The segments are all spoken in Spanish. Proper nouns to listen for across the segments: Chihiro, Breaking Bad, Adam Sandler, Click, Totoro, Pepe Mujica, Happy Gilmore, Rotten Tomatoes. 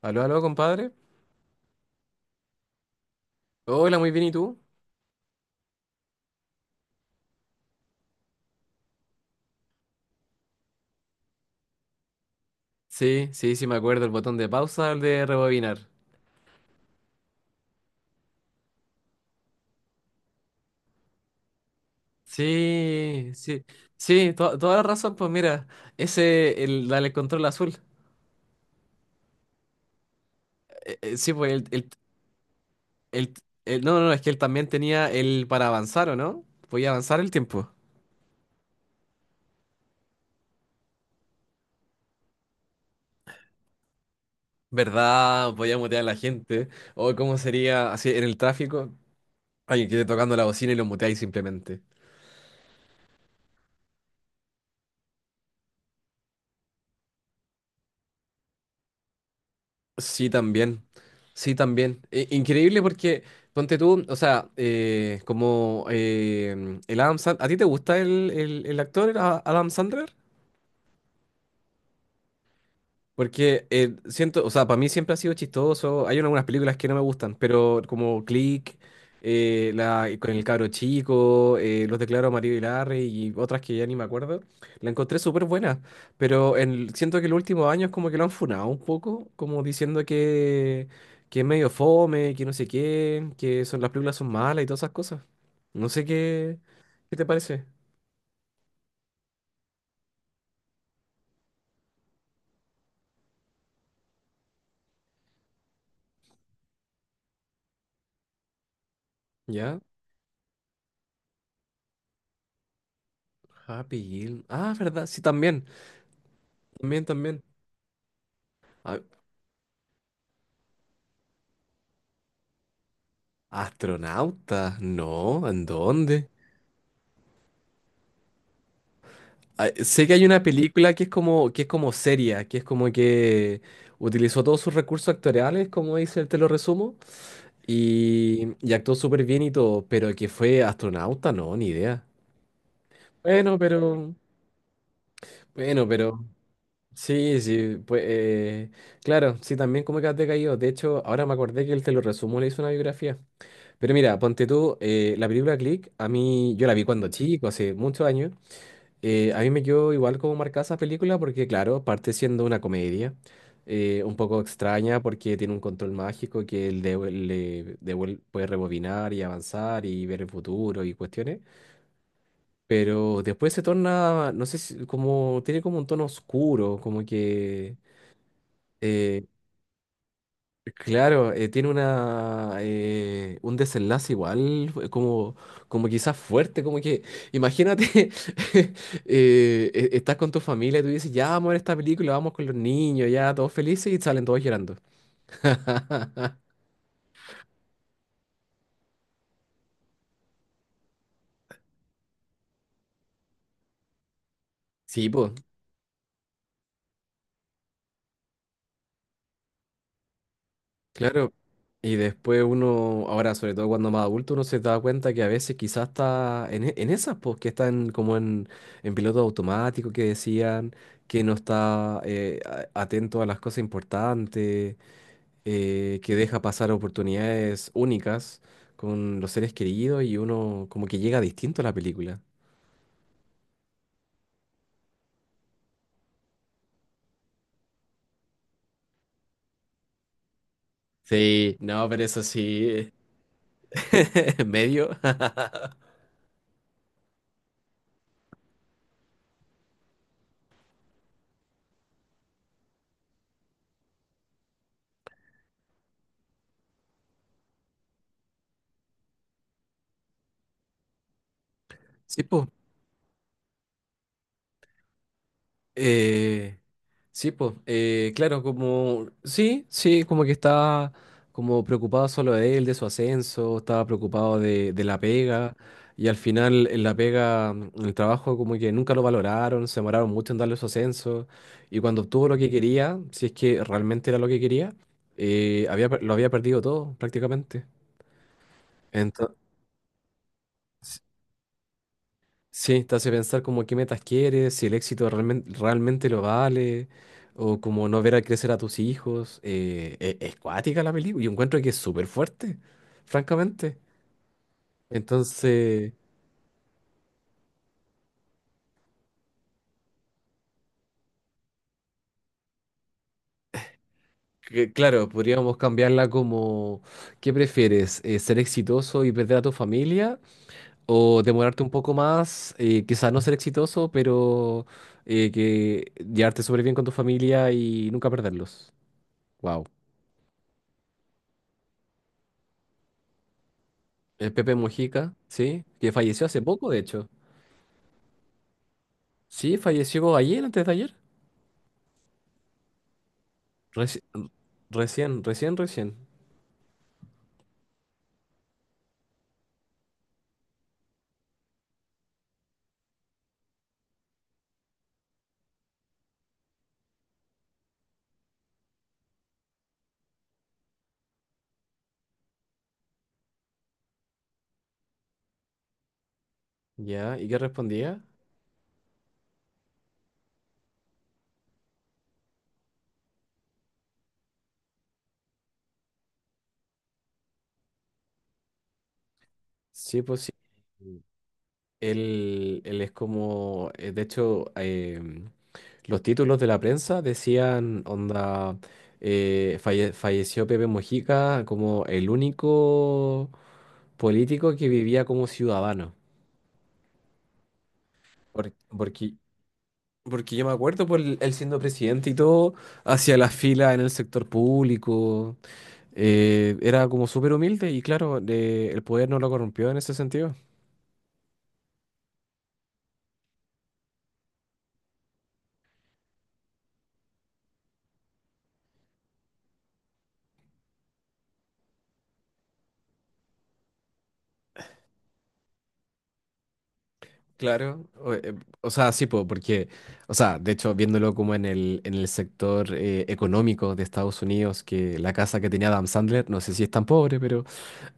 Aló, aló, compadre. Hola, muy bien, ¿y tú? Sí, sí, sí, me acuerdo, el botón de pausa, el de rebobinar. Sí, sí, sí, toda la razón, pues mira, ese, el, dale control azul. Sí, pues el- no, no, no, es que él también tenía el para avanzar, ¿o no? Podía avanzar el tiempo. ¿Verdad? Podía mutear a la gente. O cómo sería así en el tráfico, alguien que esté tocando la bocina y lo muteáis simplemente. Sí, también. Sí, también. Increíble porque, ponte tú, o sea, como el Adam Sandler, ¿a ti te gusta el actor Adam Sandler? Porque siento, o sea, para mí siempre ha sido chistoso. Hay algunas películas que no me gustan, pero como Click, la, con el cabro chico, Los declaro a Mario y Larry y otras que ya ni me acuerdo, la encontré súper buena. Pero siento que en los últimos años como que lo han funado un poco, como diciendo que es medio fome, que no sé qué, que son, las películas son malas y todas esas cosas. No sé qué, qué te parece. ¿Ya? Happy Gilmore. Ah, verdad, sí, también. También, también. Ah, astronauta, no, ¿en dónde? Ah, sé que hay una película que es como seria, que es como que utilizó todos sus recursos actoriales, como dice el te lo resumo, y actuó súper bien y todo, pero que fue astronauta, no, ni idea. Bueno, pero, bueno, pero, sí, sí, pues, claro, sí, también como que has decaído. De hecho, ahora me acordé que el te lo resumo le hizo una biografía. Pero mira, ponte tú, la película Click, a mí, yo la vi cuando chico, hace muchos años. A mí me quedó igual como marcada esa película porque, claro, parte siendo una comedia un poco extraña porque tiene un control mágico que él devu- le devuel- puede rebobinar y avanzar y ver el futuro y cuestiones. Pero después se torna, no sé si, como, tiene como un tono oscuro, como que eh, claro, tiene una un desenlace igual, fue como, como quizás fuerte, como que, imagínate, estás con tu familia y tú dices, ya vamos a ver esta película, vamos con los niños, ya todos felices y salen todos llorando. Sí, pues. Claro, y después uno, ahora sobre todo cuando más adulto, uno se da cuenta que a veces quizás está en esas, pues que están como en piloto automático, que decían que no está atento a las cosas importantes, que deja pasar oportunidades únicas con los seres queridos y uno como que llega distinto a la película. Sí, no, pero eso sí, medio. Sí, pues. Eh, sí, pues, claro, como, sí, sí, como que estaba como preocupado solo de él, de su ascenso, estaba preocupado de la pega, y al final en la pega, en el trabajo como que nunca lo valoraron, se demoraron mucho en darle su ascenso, y cuando obtuvo lo que quería, si es que realmente era lo que quería, lo había perdido todo prácticamente. Entonces, sí, te hace pensar como qué metas quieres, si el éxito realmente, realmente lo vale, o como no ver a crecer a tus hijos. Es cuática la película. Yo encuentro que es súper fuerte, francamente. Entonces, claro, podríamos cambiarla como, ¿qué prefieres? ¿Ser exitoso y perder a tu familia? ¿O demorarte un poco más, quizás no ser exitoso, pero que llevarte súper bien con tu familia y nunca perderlos? Wow. El Pepe Mujica, sí, que falleció hace poco, de hecho. Sí, falleció ayer, antes de ayer. Reci- recién, recién, recién. Ya, ¿y qué respondía? Sí, pues sí. Él es como, de hecho, los títulos de la prensa decían, onda, falleció Pepe Mujica como el único político que vivía como ciudadano. Porque, porque yo me acuerdo él siendo presidente y todo, hacia la fila en el sector público, era como súper humilde y claro, el poder no lo corrompió en ese sentido. Claro, o sea, sí, po, porque, o sea, de hecho, viéndolo como en el sector económico de Estados Unidos, que la casa que tenía Adam Sandler, no sé si es tan pobre, pero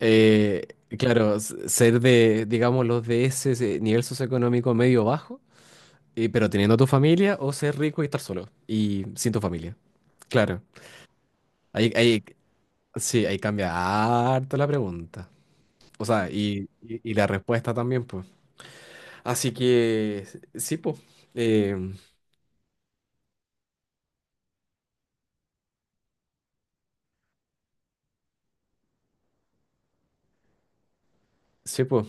eh, claro, ser de, digamos, los de ese nivel socioeconómico medio bajo. Pero teniendo tu familia o ser rico y estar solo y sin tu familia. Claro. Ahí, ahí, sí, ahí cambia harto la pregunta. O sea, y la respuesta también, pues. Así que, sí, pues. Eh, sí, pues.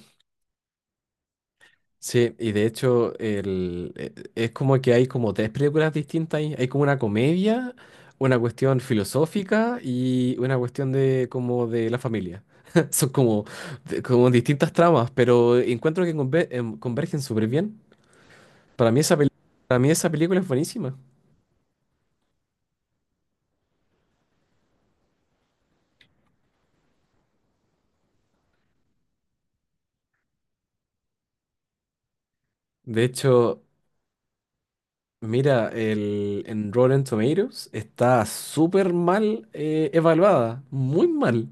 Sí, y de hecho es como que hay como tres películas distintas ahí. Hay como una comedia, una cuestión filosófica y una cuestión de como de la familia. Son como, como distintas tramas, pero encuentro que convergen súper bien. Para mí esa, pel- para mí esa película es buenísima. De hecho, mira, el, en Rotten Tomatoes está súper mal evaluada, muy mal.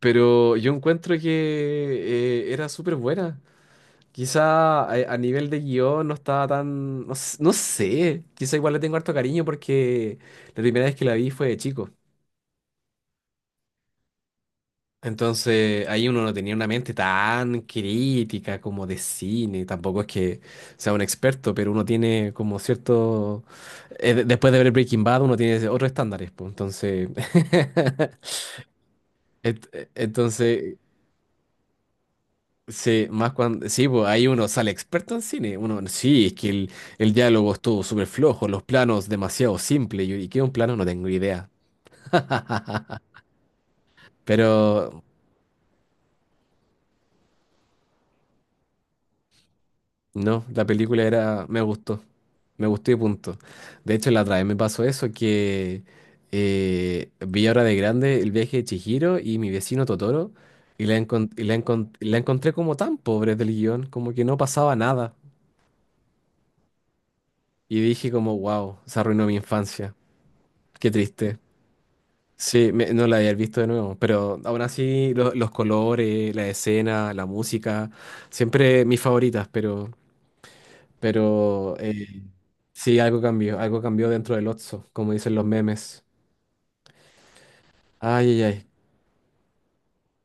Pero yo encuentro que era súper buena. Quizá a nivel de guión no estaba tan... No, no sé, quizá igual le tengo harto cariño porque la primera vez que la vi fue de chico. Entonces ahí uno no tenía una mente tan crítica como de cine, tampoco es que sea un experto, pero uno tiene como cierto... después de ver Breaking Bad uno tiene otros estándares, pues, entonces... Entonces, sí, más cuando, sí, pues ahí uno sale experto en cine. Uno, sí, es que el diálogo estuvo súper flojo, los planos demasiado simples. Y qué es un plano no tengo idea. Pero no, la película era, me gustó. Me gustó y punto. De hecho, la otra vez me pasó eso que vi ahora de grande el viaje de Chihiro y mi vecino Totoro y la encontré como tan pobre del guión, como que no pasaba nada. Y dije como, wow, se arruinó mi infancia. Qué triste. Sí, no la había visto de nuevo, pero aún así los colores, la escena, la música, siempre mis favoritas, pero, pero eh, sí, algo cambió dentro del Otso, como dicen los memes. Ay, ay, ay.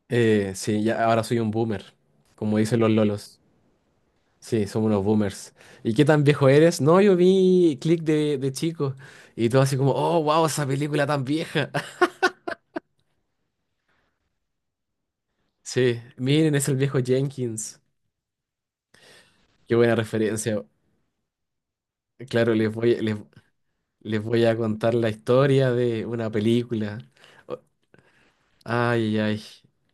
Sí, ya ahora soy un boomer, como dicen los lolos. Sí, somos unos boomers. ¿Y qué tan viejo eres? No, yo vi Click de chico y todo así como, oh, wow, esa película tan vieja. Sí, miren, es el viejo Jenkins. Qué buena referencia. Claro, les voy, les, Les voy a contar la historia de una película. O- Ay, ay.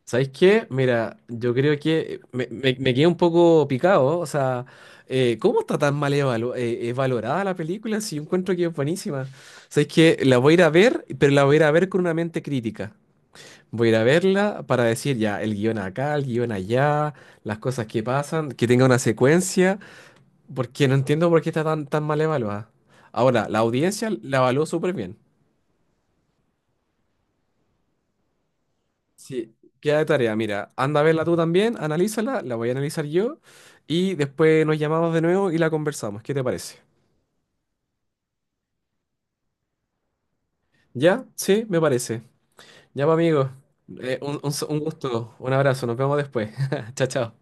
¿Sabes qué? Mira, yo creo que me quedé un poco picado. O sea, ¿cómo está tan mal valorada la película si yo encuentro que es buenísima? ¿Sabes qué? La voy a ir a ver, pero la voy a ir a ver con una mente crítica. Voy a ir a verla para decir ya, el guión acá, el guión allá, las cosas que pasan, que tenga una secuencia. Porque no entiendo por qué está tan, tan mal evaluada. Ahora, la audiencia la evaluó súper bien. Sí, queda de tarea. Mira, anda a verla tú también, analízala, la voy a analizar yo y después nos llamamos de nuevo y la conversamos. ¿Qué te parece? ¿Ya? Sí, me parece. Ya, pues, amigo. Un un gusto, un abrazo, nos vemos después. Chao, chao.